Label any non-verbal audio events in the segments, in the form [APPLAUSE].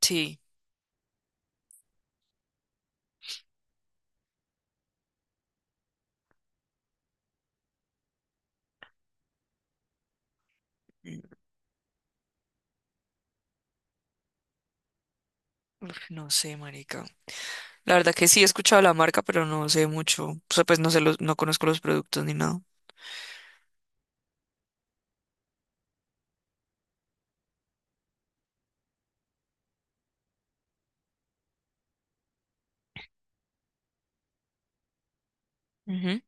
Sí. Mm, Uf, no sé, marica. La verdad que sí he escuchado la marca, pero no sé mucho. O sea, pues no conozco los productos ni nada. Ujú.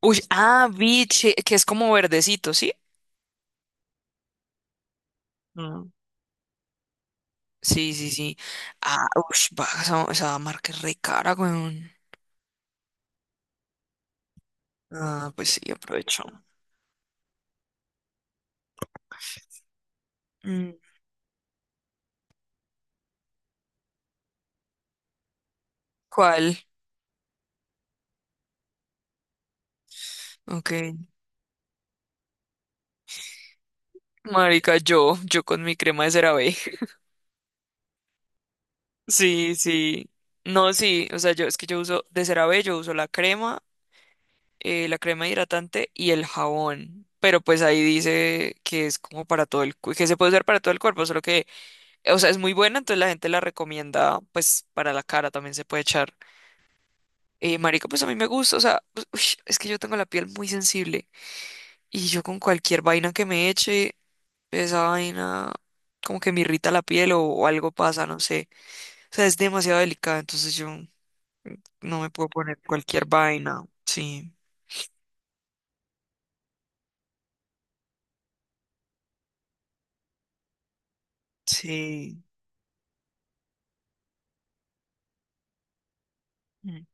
Uy, ah, biche, que es como verdecito, ¿sí? Ah, sí, sí, sí. Ah, ush, va, esa marca es re cara, weón. Ah, pues sí, aprovecho. Mm, ¿Cuál? Ok. Marica, yo con mi crema de CeraVe. [LAUGHS] Sí, sí. No, sí, o sea, yo es que yo uso de CeraVe, yo uso la crema hidratante y el jabón. Pero pues ahí dice que es como para que se puede usar para todo el cuerpo, solo que, o sea, es muy buena, entonces la gente la recomienda, pues, para la cara también se puede echar. Marica, pues a mí me gusta, o sea, pues, ush, es que yo tengo la piel muy sensible, y yo con cualquier vaina que me eche, esa vaina como que me irrita la piel o algo pasa, no sé. O sea, es demasiado delicada, entonces yo no me puedo poner cualquier vaina. Sí, sí. Mm.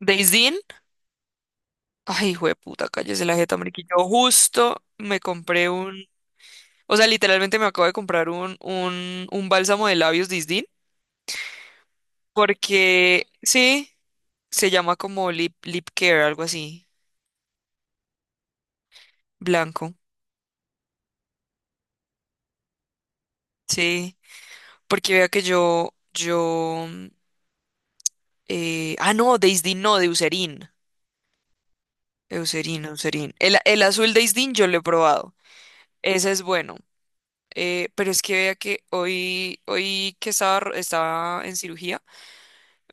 ¿Daisy? Ay, hijo de puta, cállese la jeta, marica. Yo justo o sea, literalmente me acabo de comprar un bálsamo de labios Disdin, porque sí, se llama como lip care, algo así, blanco, sí, porque vea que no, de Isdin no, de Eucerin. El azul de Isdin yo lo he probado, ese es bueno, pero es que vea que hoy que estaba en cirugía.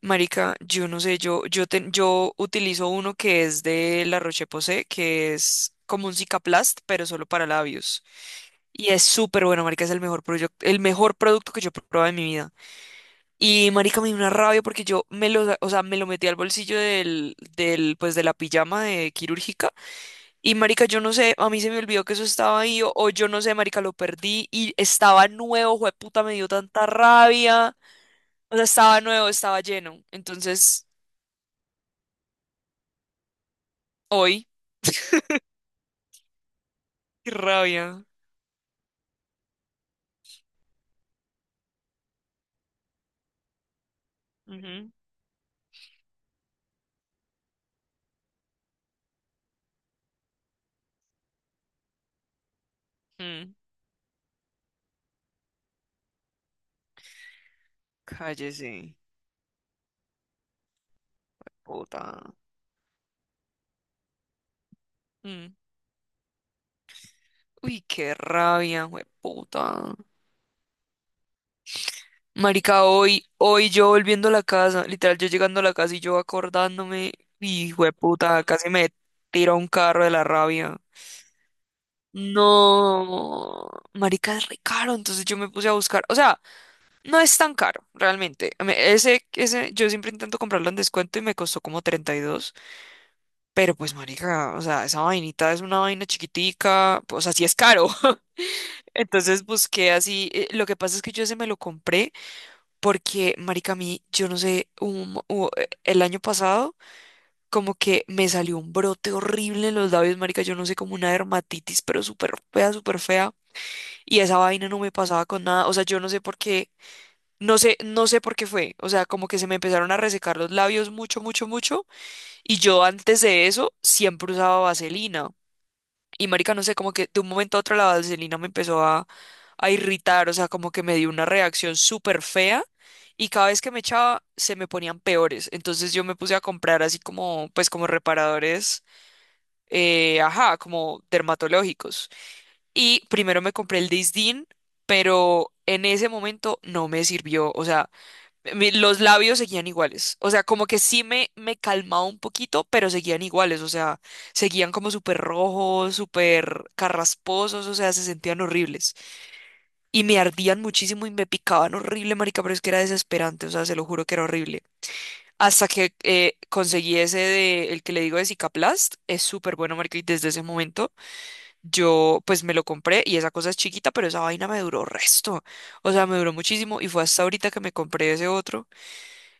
Marica, yo no sé, yo utilizo uno que es de La Roche-Posay, que es como un Cicaplast, pero solo para labios. Y es súper bueno, marica, es el mejor producto que yo he probado en mi vida. Y marica, me dio una rabia porque yo me lo, sa- o sea, me lo metí al bolsillo de la pijama de quirúrgica. Y marica, yo no sé, a mí se me olvidó que eso estaba ahí, o yo no sé, marica, lo perdí y estaba nuevo, jueputa, me dio tanta rabia. O sea, estaba nuevo, estaba lleno. Entonces, hoy. Qué rabia. Ujú, mm. Cállese, puta. Mm. Uy, qué rabia, puta. Marica, hoy yo volviendo a la casa, literal, yo llegando a la casa y yo acordándome, y puta, casi me tira un carro de la rabia. No, marica, es re caro, entonces yo me puse a buscar, o sea, no es tan caro, realmente. Yo siempre intento comprarlo en descuento y me costó como 32. Pero pues, marica, o sea, esa vainita es una vaina chiquitica, o sea, sí es caro. [LAUGHS] Entonces busqué así, lo que pasa es que yo ese me lo compré porque, marica, a mí, yo no sé, el año pasado como que me salió un brote horrible en los labios, marica, yo no sé, como una dermatitis, pero súper fea, súper fea. Y esa vaina no me pasaba con nada, o sea, yo no sé por qué, no sé por qué fue. O sea, como que se me empezaron a resecar los labios mucho, mucho, mucho. Y yo antes de eso siempre usaba vaselina. Y marica, no sé, como que de un momento a otro la vaselina me empezó a irritar, o sea, como que me dio una reacción súper fea y cada vez que me echaba se me ponían peores. Entonces yo me puse a comprar así como, pues como reparadores, ajá, como dermatológicos. Y primero me compré el Disdin, pero en ese momento no me sirvió, o sea, los labios seguían iguales. O sea, como que sí me calmaba un poquito, pero seguían iguales. O sea, seguían como súper rojos, súper carrasposos, o sea, se sentían horribles. Y me ardían muchísimo y me picaban horrible, marica, pero es que era desesperante. O sea, se lo juro que era horrible. Hasta que conseguí el que le digo de Cicaplast, es súper bueno, marica, y desde ese momento yo pues me lo compré y esa cosa es chiquita, pero esa vaina me duró resto. O sea, me duró muchísimo y fue hasta ahorita que me compré ese otro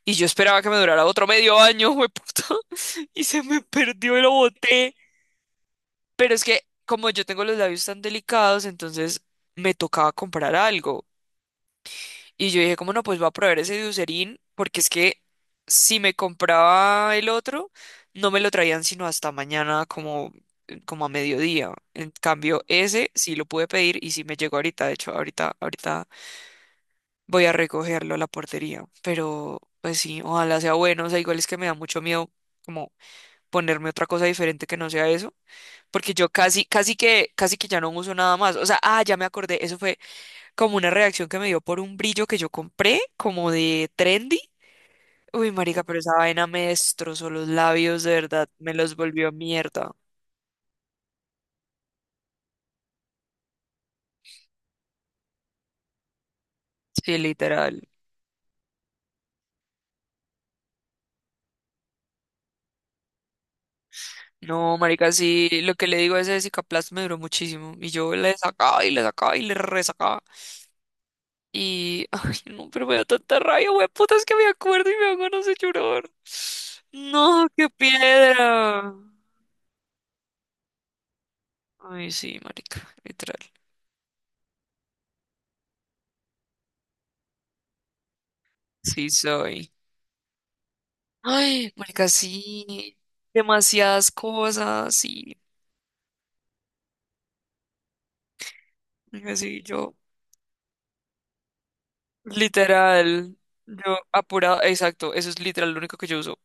y yo esperaba que me durara otro medio año, puta, [LAUGHS] y se me perdió y lo boté. Pero es que como yo tengo los labios tan delicados, entonces me tocaba comprar algo. Y yo dije, como no, pues voy a probar ese de Eucerin, porque es que si me compraba el otro, no me lo traían sino hasta mañana como a mediodía. En cambio, ese sí lo pude pedir y sí me llegó ahorita. De hecho, ahorita voy a recogerlo a la portería. Pero, pues sí, ojalá sea bueno. O sea, igual es que me da mucho miedo como ponerme otra cosa diferente que no sea eso. Porque yo casi, casi que ya no uso nada más. O sea, ah, ya me acordé. Eso fue como una reacción que me dio por un brillo que yo compré, como de trendy. Uy, marica, pero esa vaina me destrozó los labios, de verdad. Me los volvió mierda. Sí, literal. No, marica, sí, lo que le digo a ese Cicaplast me duró muchísimo. Y yo le sacaba y le sacaba y le resacaba. Y, [LAUGHS] ay, no, pero me da tanta rabia, güey, puta, es que me acuerdo y me dan ganas de llorar. No, qué piedra. Ay, sí, marica, literal. Sí, soy. Ay, marica, sí. Demasiadas cosas, sí. Marica, sí, yo, literal. Yo, apurada, exacto, eso es literal lo único que yo uso.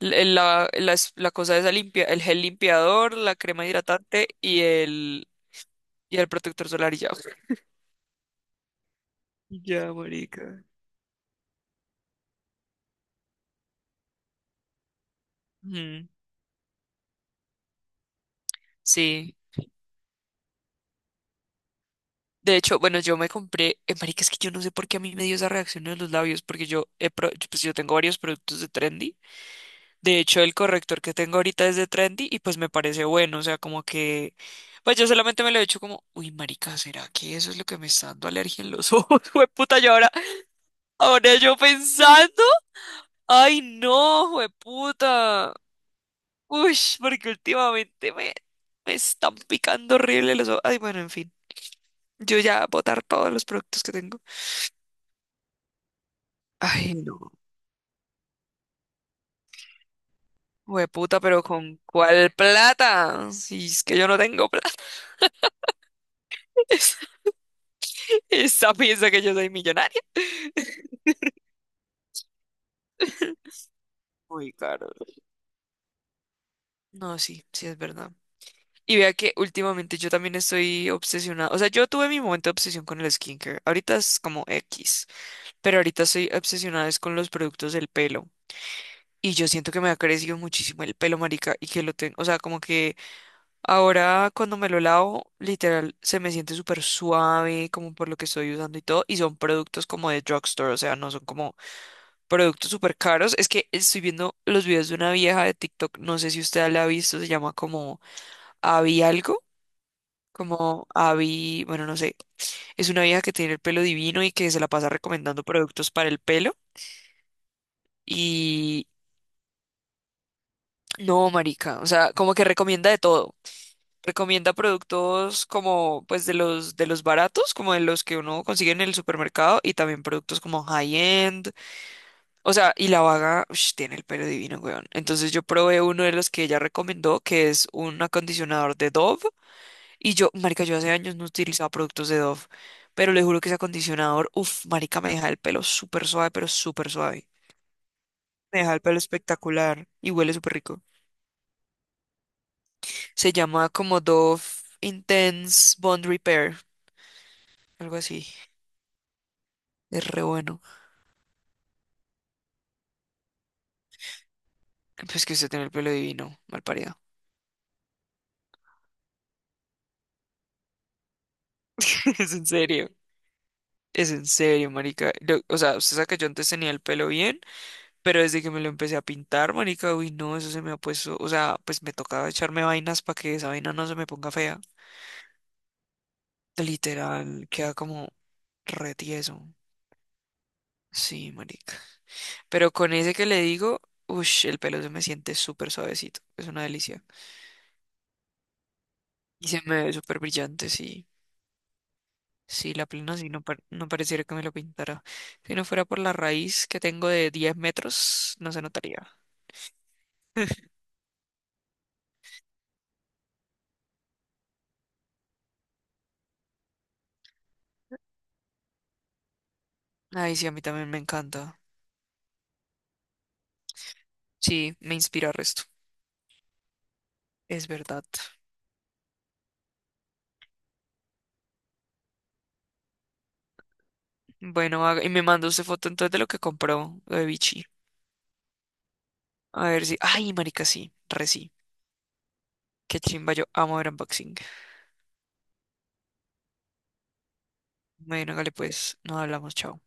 La cosa esa limpia, el gel limpiador, la crema hidratante y el protector solar y ya. [LAUGHS] Y ya, marica. Ujú, sí, de hecho, bueno, yo me compré, marica, es que yo no sé por qué a mí me dio esa reacción en los labios, porque yo, he pro- yo, pues yo tengo varios productos de Trendy, de hecho el corrector que tengo ahorita es de Trendy y pues me parece bueno, o sea, como que, pues yo solamente me lo he hecho como, uy, marica, ¿será que eso es lo que me está dando alergia en los ojos? [LAUGHS] Jueputa, yo ahora, ahora yo pensando, ay no, jueputa, uy, porque últimamente me están picando horrible los ojos, ay, bueno, en fin. Yo ya botar todos los productos que tengo. Ay, no, puta, pero ¿con cuál plata? Si es que yo no tengo plata. [LAUGHS] Esa piensa que yo soy millonaria. [LAUGHS] Muy caro. No, sí, sí es verdad. Y vea que últimamente yo también estoy obsesionada. O sea, yo tuve mi momento de obsesión con el skincare. Ahorita es como X, pero ahorita estoy obsesionada es con los productos del pelo. Y yo siento que me ha crecido muchísimo el pelo, marica, y que lo tengo, o sea, como que ahora cuando me lo lavo, literal, se me siente súper suave, como por lo que estoy usando y todo. Y son productos como de drugstore, o sea, no son como productos súper caros. Es que estoy viendo los videos de una vieja de TikTok, no sé si usted la ha visto, se llama como Abby algo, como Abby, bueno, no sé. Es una vieja que tiene el pelo divino y que se la pasa recomendando productos para el pelo. Y no, marica, o sea, como que recomienda de todo. Recomienda productos como pues de los baratos, como de los que uno consigue en el supermercado y también productos como high end. O sea, y la vaga ush, tiene el pelo divino, weón. Entonces yo probé uno de los que ella recomendó, que es un acondicionador de Dove y yo, marica, yo hace años no utilizaba productos de Dove, pero le juro que ese acondicionador, uff, marica, me deja el pelo súper suave, pero súper suave. Me deja el pelo espectacular y huele súper rico. Se llama como Dove Intense Bond Repair, algo así. Es re bueno. Pues que usted tiene el pelo divino, mal parido. [LAUGHS] Es en serio. Es en serio, marica. O sea, usted sabe que yo antes tenía el pelo bien, pero desde que me lo empecé a pintar, marica, uy, no, eso se me ha puesto. O sea, pues me tocaba echarme vainas para que esa vaina no se me ponga fea. Literal, queda como re tieso. Sí, marica. Pero con ese que le digo, uff, el pelo se me siente súper suavecito. Es una delicia. Y se me ve súper brillante, sí. Sí, la plena sí, no, no pareciera que me lo pintara. Si no fuera por la raíz que tengo de 10 metros, no se notaría. Ay, sí, a mí también me encanta. Sí, me inspira el resto. Es verdad. Bueno, y me mandó usted foto entonces de lo que compró de Vichy. A ver si. Ay, marica, sí, re sí. Qué chimba, yo amo ver unboxing. Bueno, hágale pues, nos hablamos, chao.